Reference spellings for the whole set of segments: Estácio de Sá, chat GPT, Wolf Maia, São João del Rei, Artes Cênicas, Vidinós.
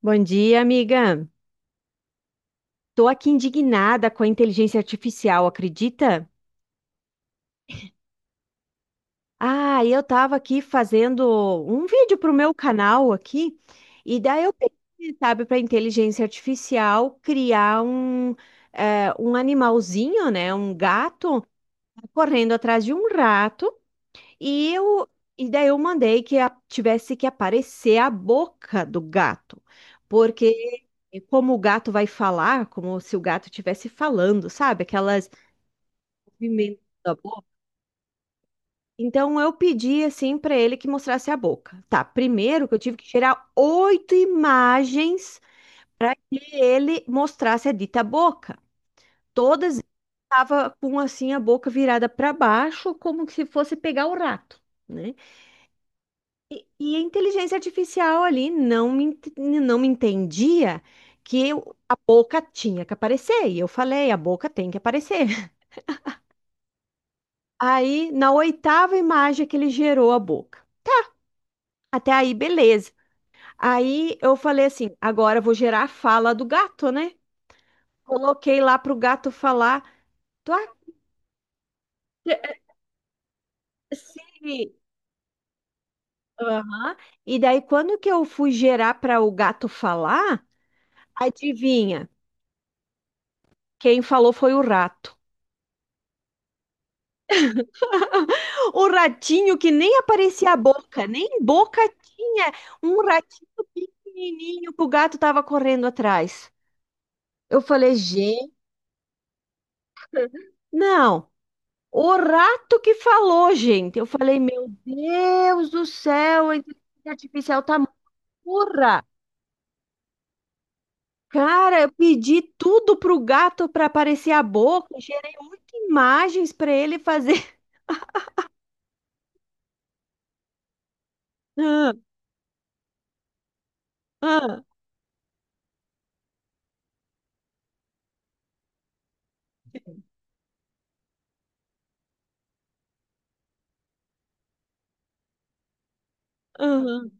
Bom dia, amiga. Tô aqui indignada com a inteligência artificial, acredita? Ah, eu tava aqui fazendo um vídeo pro meu canal aqui, e daí eu pedi, sabe, para inteligência artificial criar um animalzinho, né, um gato correndo atrás de um rato. E eu, e daí eu mandei tivesse que aparecer a boca do gato, porque como o gato vai falar, como se o gato estivesse falando, sabe? Aquelas movimentos da boca. Então eu pedi assim para ele que mostrasse a boca. Tá, primeiro que eu tive que tirar oito imagens para que ele mostrasse a dita boca. Todas estavam com assim a boca virada para baixo, como se fosse pegar o rato, né? E a inteligência artificial ali não me entendia que a boca tinha que aparecer. E eu falei, a boca tem que aparecer. Aí, na oitava imagem que ele gerou a boca. Até aí, beleza. Aí eu falei assim, agora eu vou gerar a fala do gato, né? Coloquei lá pro gato falar. Tu ac- se- Aham. E daí, quando que eu fui gerar para o gato falar, adivinha? Quem falou foi o rato. O ratinho que nem aparecia a boca, nem boca tinha. Um ratinho pequenininho que o gato tava correndo atrás. Eu falei, gente, não. O rato que falou, gente. Eu falei, meu Deus do céu, a inteligência artificial tá burra. Cara, eu pedi tudo pro gato para aparecer a boca, gerei oito imagens para ele fazer. Ah, ah, aham,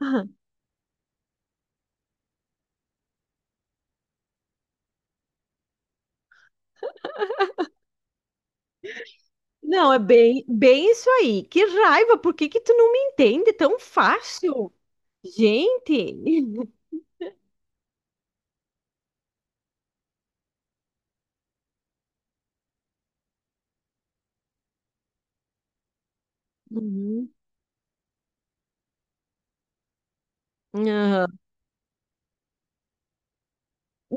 aham. Não, é bem, bem isso aí. Que raiva, por que que tu não me entende tão fácil? Gente. Uhum. Aham.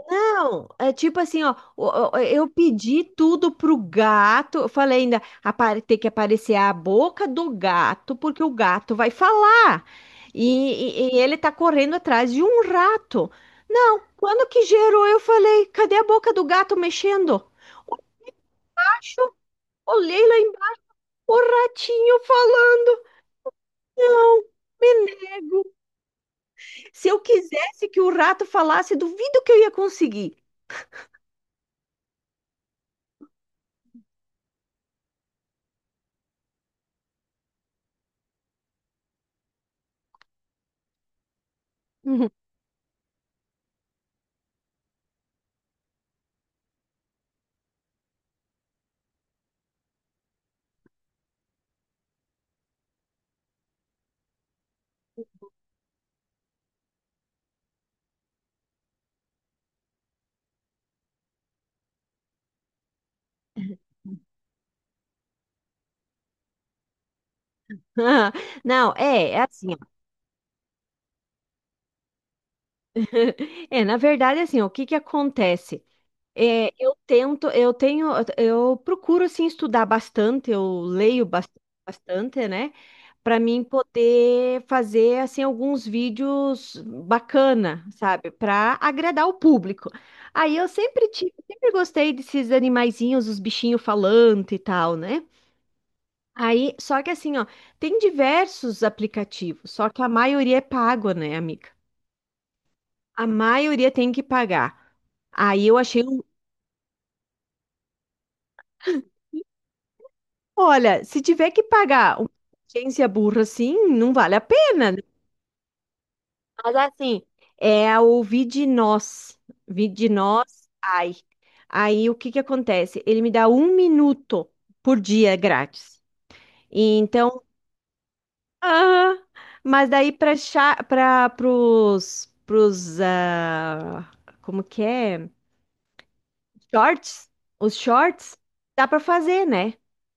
Não, é tipo assim, ó, eu pedi tudo pro gato, eu falei ainda, tem que aparecer a boca do gato, porque o gato vai falar, e ele tá correndo atrás de um rato. Não, quando que gerou, eu falei, cadê a boca do gato mexendo? O Olhei lá embaixo, o ratinho falando. Não, me nego. Se eu quisesse que o rato falasse, duvido que eu ia conseguir. Não, é assim, ó. É, na verdade, assim, ó, o que que acontece? É, eu tento, eu tenho, eu procuro assim estudar bastante, eu leio bastante, né? Para mim poder fazer assim alguns vídeos bacana, sabe? Para agradar o público. Aí eu sempre tive, sempre gostei desses animaizinhos, os bichinhos falantes e tal, né? Aí, só que assim, ó, tem diversos aplicativos, só que a maioria é pago, né, amiga? A maioria tem que pagar. Aí eu achei um Olha, se tiver que pagar uma agência burra assim, não vale a pena, né? Mas assim, é o Vidinós. Vidinós, ai. Aí o que que acontece? Ele me dá um minuto por dia grátis. E então, ah, mas daí para para pros pros ah, como que é? Shorts, os shorts dá para fazer, né?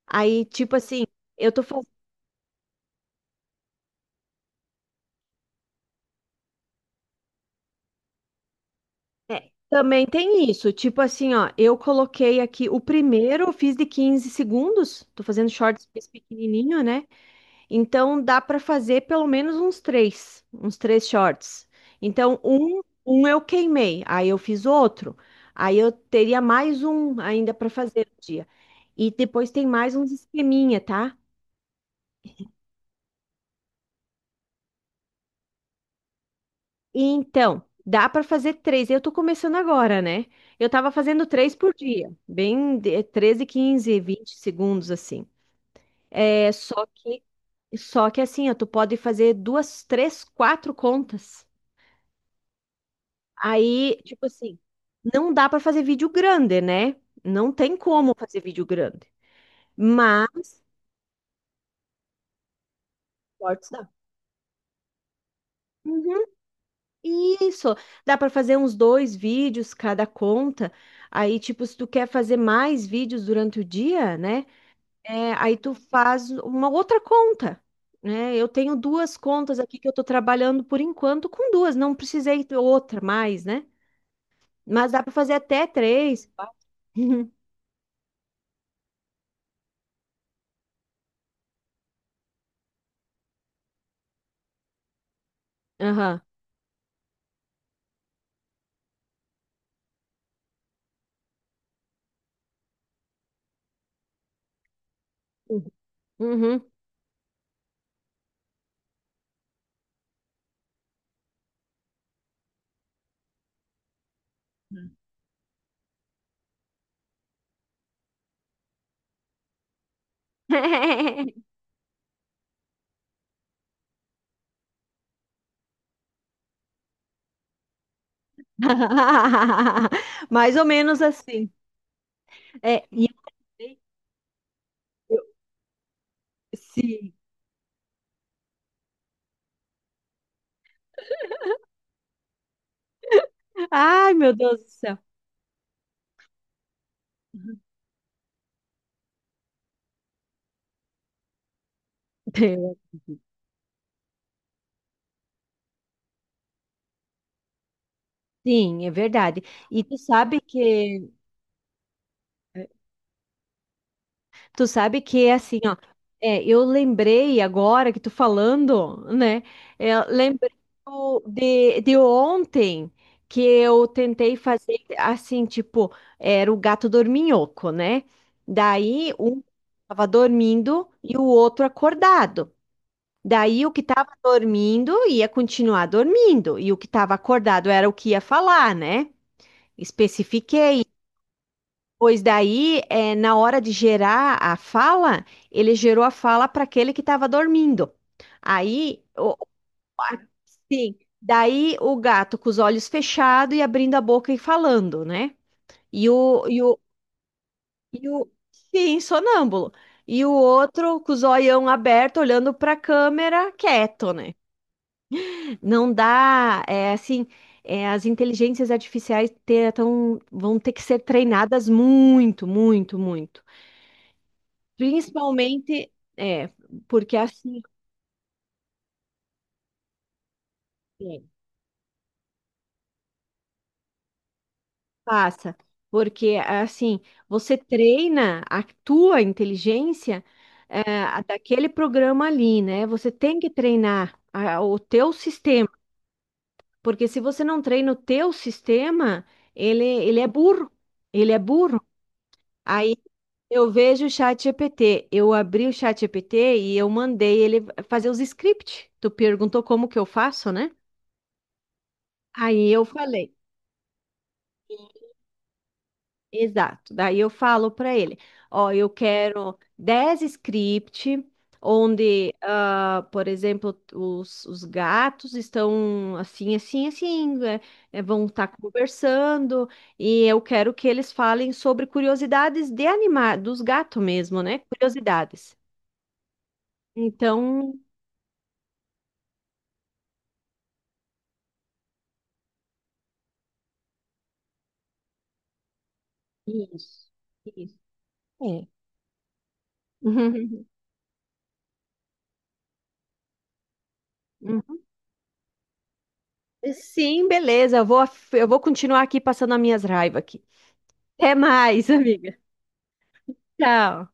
Aí tipo assim, eu tô fazendo É. Também tem isso, tipo assim, ó, eu coloquei aqui o primeiro, eu fiz de 15 segundos, tô fazendo shorts desse pequenininho, né? Então dá pra fazer pelo menos uns três shorts. Então um eu queimei, aí eu fiz outro, aí eu teria mais um ainda pra fazer no dia. E depois tem mais uns esqueminha, tá? Então, dá para fazer três. Eu tô começando agora, né? Eu tava fazendo três por dia, 13, 15, 20 segundos assim. É, só que assim, ó, tu pode fazer duas, três, quatro contas. Aí, tipo assim, não dá para fazer vídeo grande, né? Não tem como fazer vídeo grande. Mas cortes dá. Uhum. Isso, dá para fazer uns dois vídeos cada conta. Aí, tipo, se tu quer fazer mais vídeos durante o dia, né? É, aí tu faz uma outra conta, né? Eu tenho duas contas aqui que eu tô trabalhando por enquanto com duas, não precisei ter outra mais, né? Mas dá para fazer até três, quatro. Aham. Uhum. Mais ou menos assim. É, eu, eu- sim. Ai, meu Deus do céu. Sim, é verdade. E tu sabe que é, Tu sabe que é assim, ó. É, eu lembrei agora que tu falando, né? é, lembrei de ontem que eu tentei fazer assim, tipo, era o gato dorminhoco, né? Daí um tava dormindo e o outro acordado. Daí o que tava dormindo ia continuar dormindo e o que tava acordado era o que ia falar, né? Especifiquei. Pois daí, é, na hora de gerar a fala, ele gerou a fala para aquele que estava dormindo. Aí, o, a- sim, daí o gato com os olhos fechados e abrindo a boca e falando, né? E o, e o, sim, sonâmbulo. E o outro com os olhão aberto, olhando para a câmera, quieto, né? Não dá, é assim, é, as inteligências artificiais vão ter que ser treinadas muito, muito, muito. Principalmente, é, porque assim, é, passa, porque assim, você treina a tua inteligência, é, a daquele programa ali, né? Você tem que treinar o teu sistema, porque se você não treina o teu sistema, ele é burro, ele é burro. Aí eu vejo o chat GPT, eu abri o chat GPT e eu mandei ele fazer os scripts. Tu perguntou como que eu faço, né? Aí eu falei. Exato. Daí eu falo para ele, ó, eu quero 10 script onde, ah, por exemplo, os gatos estão assim, assim, assim, vão estar conversando, e eu quero que eles falem sobre curiosidades de animar, dos gatos mesmo, né? Curiosidades. Então, isso, isso. É. Uhum. Sim, beleza. Eu vou continuar aqui passando as minhas raivas aqui. Até mais, amiga. Tchau.